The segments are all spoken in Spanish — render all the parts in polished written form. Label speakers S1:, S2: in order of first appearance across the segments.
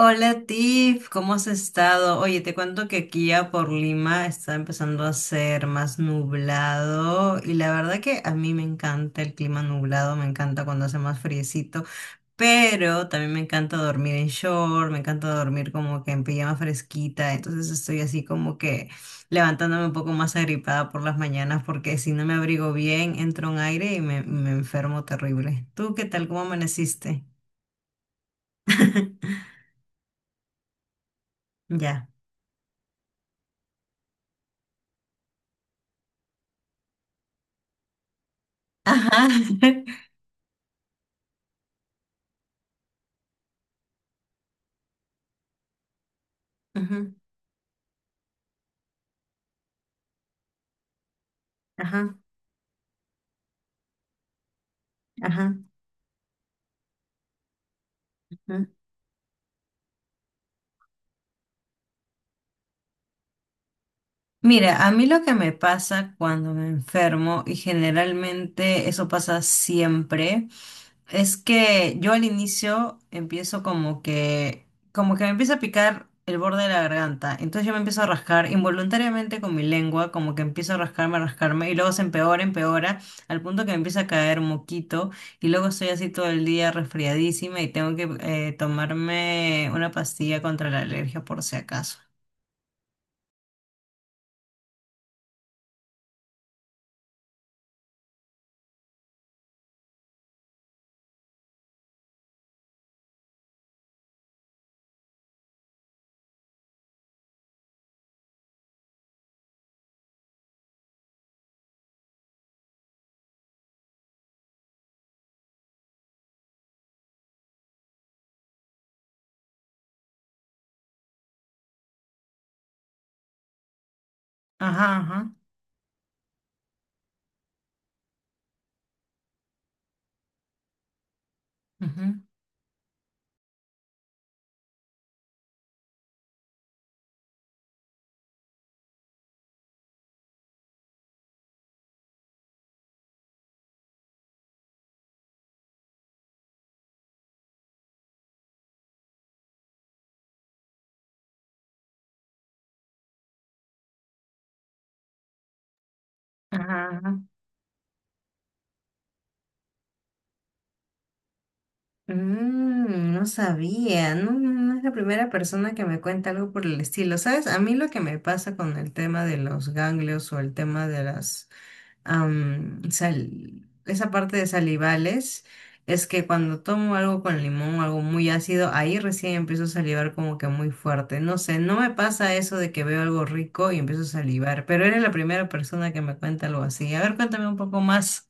S1: Hola Tiff, ¿cómo has estado? Oye, te cuento que aquí ya por Lima está empezando a ser más nublado y la verdad que a mí me encanta el clima nublado, me encanta cuando hace más friecito, pero también me encanta dormir en short, me encanta dormir como que en pijama fresquita, entonces estoy así como que levantándome un poco más agripada por las mañanas porque si no me abrigo bien entro en aire y me enfermo terrible. ¿Tú qué tal? ¿Cómo amaneciste? Ya. Ajá. Ujú, ajá, ajá, ajá. Mira, a mí lo que me pasa cuando me enfermo, y generalmente eso pasa siempre, es que yo al inicio empiezo como como que me empieza a picar el borde de la garganta. Entonces yo me empiezo a rascar involuntariamente con mi lengua, como que empiezo a rascarme, y luego se empeora, empeora, al punto que me empieza a caer moquito, y luego estoy así todo el día resfriadísima y tengo que tomarme una pastilla contra la alergia por si acaso. Ajá, ajá, ujú, ajá, ajá. Mm, no sabía, no, no es la primera persona que me cuenta algo por el estilo. ¿Sabes? A mí lo que me pasa con el tema de los ganglios o el tema de esa parte de salivales, es que cuando tomo algo con limón, algo muy ácido, ahí recién empiezo a salivar como que muy fuerte. No sé, no me pasa eso de que veo algo rico y empiezo a salivar, pero eres la primera persona que me cuenta algo así. A ver, cuéntame un poco más.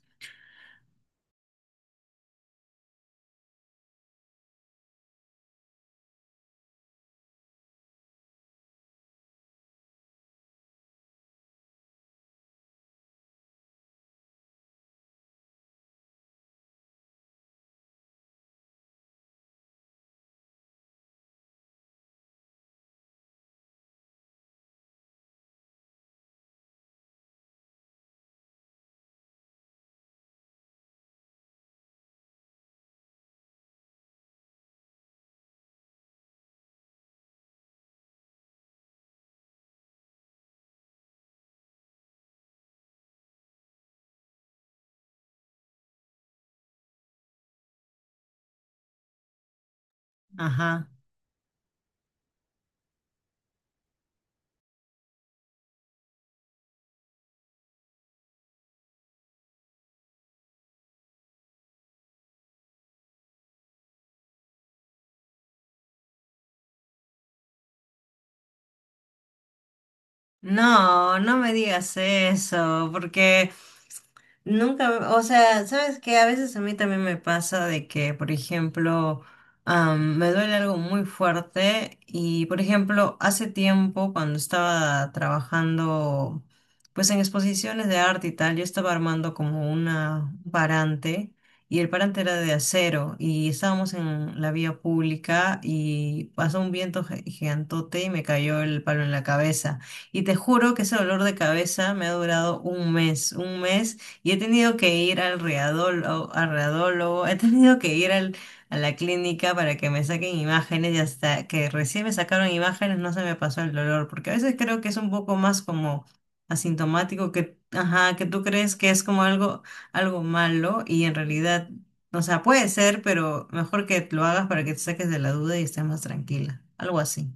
S1: Ajá. No, no me digas eso, porque nunca, o sea, sabes que a veces a mí también me pasa de que, por ejemplo, me duele algo muy fuerte y, por ejemplo, hace tiempo cuando estaba trabajando, pues en exposiciones de arte y tal, yo estaba armando como una un parante y el parante era de acero y estábamos en la vía pública y pasó un viento gigantote y me cayó el palo en la cabeza. Y te juro que ese dolor de cabeza me ha durado un mes, y he tenido que ir al readólogo, he tenido que ir a la clínica para que me saquen imágenes y hasta que recién me sacaron imágenes no se me pasó el dolor, porque a veces creo que es un poco más como asintomático que, ajá, que tú crees que es como algo, algo malo y en realidad, o sea, puede ser, pero mejor que lo hagas para que te saques de la duda y estés más tranquila, algo así.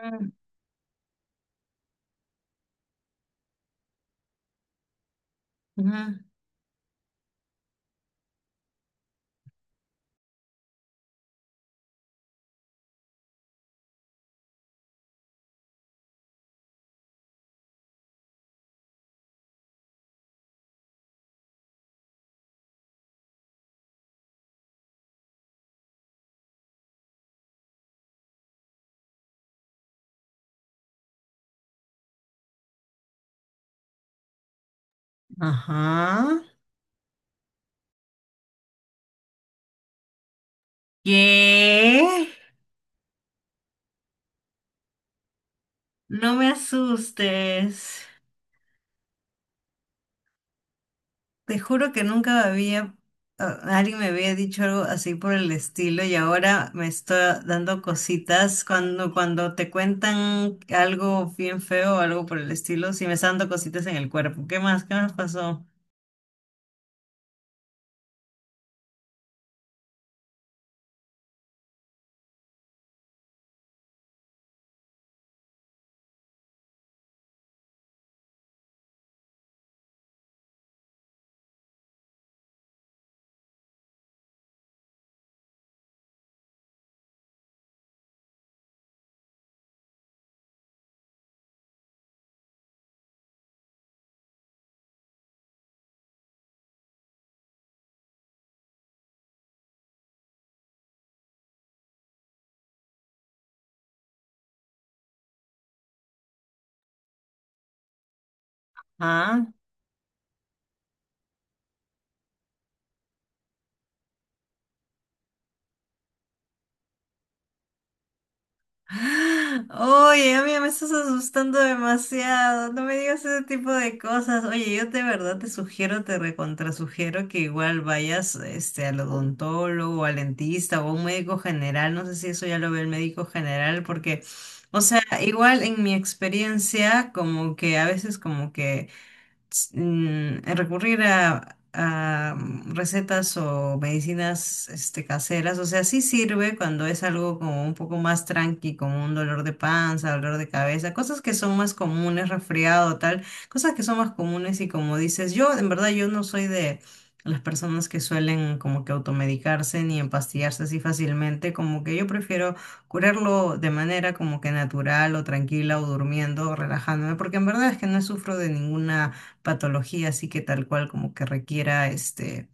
S1: Mm. Ujú. Ajá. ¿Qué? No me asustes. Te juro que nunca alguien me había dicho algo así por el estilo y ahora me está dando cositas cuando, cuando te cuentan algo bien feo o algo por el estilo, sí me está dando cositas en el cuerpo. ¿Qué más? ¿Qué más pasó? ¿Ah? ¡Ah! Oye, amiga, me estás asustando demasiado. No me digas ese tipo de cosas. Oye, yo de verdad te sugiero, te recontrasugiero que igual vayas este, al odontólogo, al dentista o a un médico general. No sé si eso ya lo ve el médico general, porque, o sea, igual en mi experiencia, como que a veces como que recurrir a, recetas o medicinas este, caseras. O sea, sí sirve cuando es algo como un poco más tranqui, como un dolor de panza, dolor de cabeza, cosas que son más comunes, resfriado, tal, cosas que son más comunes y como dices, yo en verdad yo no soy de... las personas que suelen como que automedicarse ni empastillarse así fácilmente, como que yo prefiero curarlo de manera como que natural o tranquila o durmiendo o relajándome, porque en verdad es que no sufro de ninguna patología, así que tal cual como que requiera este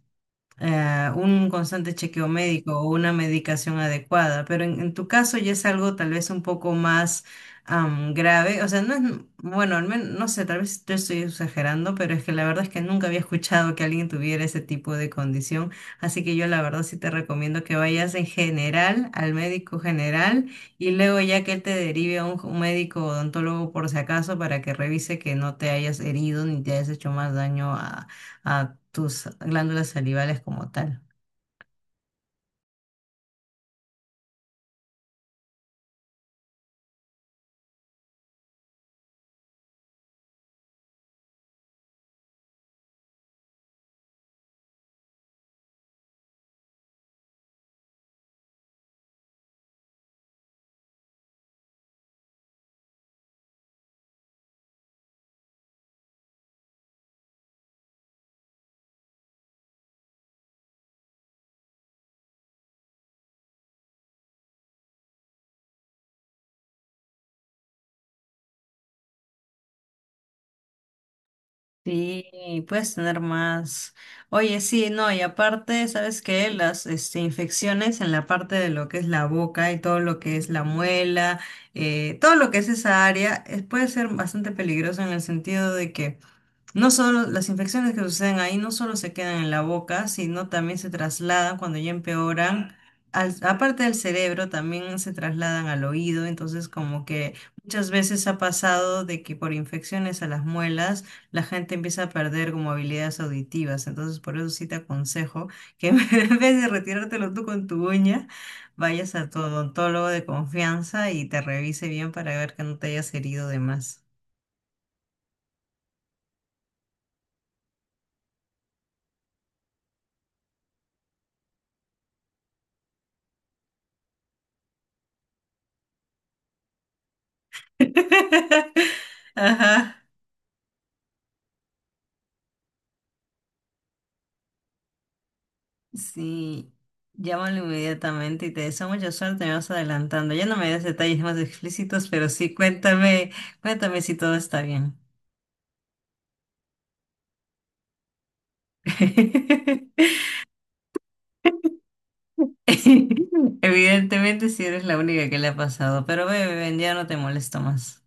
S1: un constante chequeo médico o una medicación adecuada, pero en tu caso ya es algo tal vez un poco más grave, o sea, no es, bueno, al menos, no sé, tal vez te estoy exagerando, pero es que la verdad es que nunca había escuchado que alguien tuviera ese tipo de condición, así que yo la verdad sí te recomiendo que vayas en general al médico general y luego ya que él te derive a un médico odontólogo por si acaso para que revise que no te hayas herido ni te hayas hecho más daño a tus glándulas salivales como tal. Sí, puedes tener más. Oye, sí, no, y aparte, ¿sabes qué? Las este, infecciones en la parte de lo que es la boca y todo lo que es la muela, todo lo que es esa área, es- puede ser bastante peligroso en el sentido de que no solo las infecciones que suceden ahí no solo se quedan en la boca, sino también se trasladan cuando ya empeoran. Aparte del cerebro, también se trasladan al oído. Entonces, como que muchas veces ha pasado de que por infecciones a las muelas, la gente empieza a perder como habilidades auditivas. Entonces, por eso sí te aconsejo que en vez de retirártelo tú con tu uña, vayas a tu odontólogo de confianza y te revise bien para ver que no te hayas herido de más. Ajá. Sí, llámalo inmediatamente y te deseo mucha suerte, me vas adelantando. Ya no me des detalles más explícitos, pero sí cuéntame, cuéntame si todo está bien. Evidentemente, si eres la única que le ha pasado, pero ve, ven, ya no te molesto más.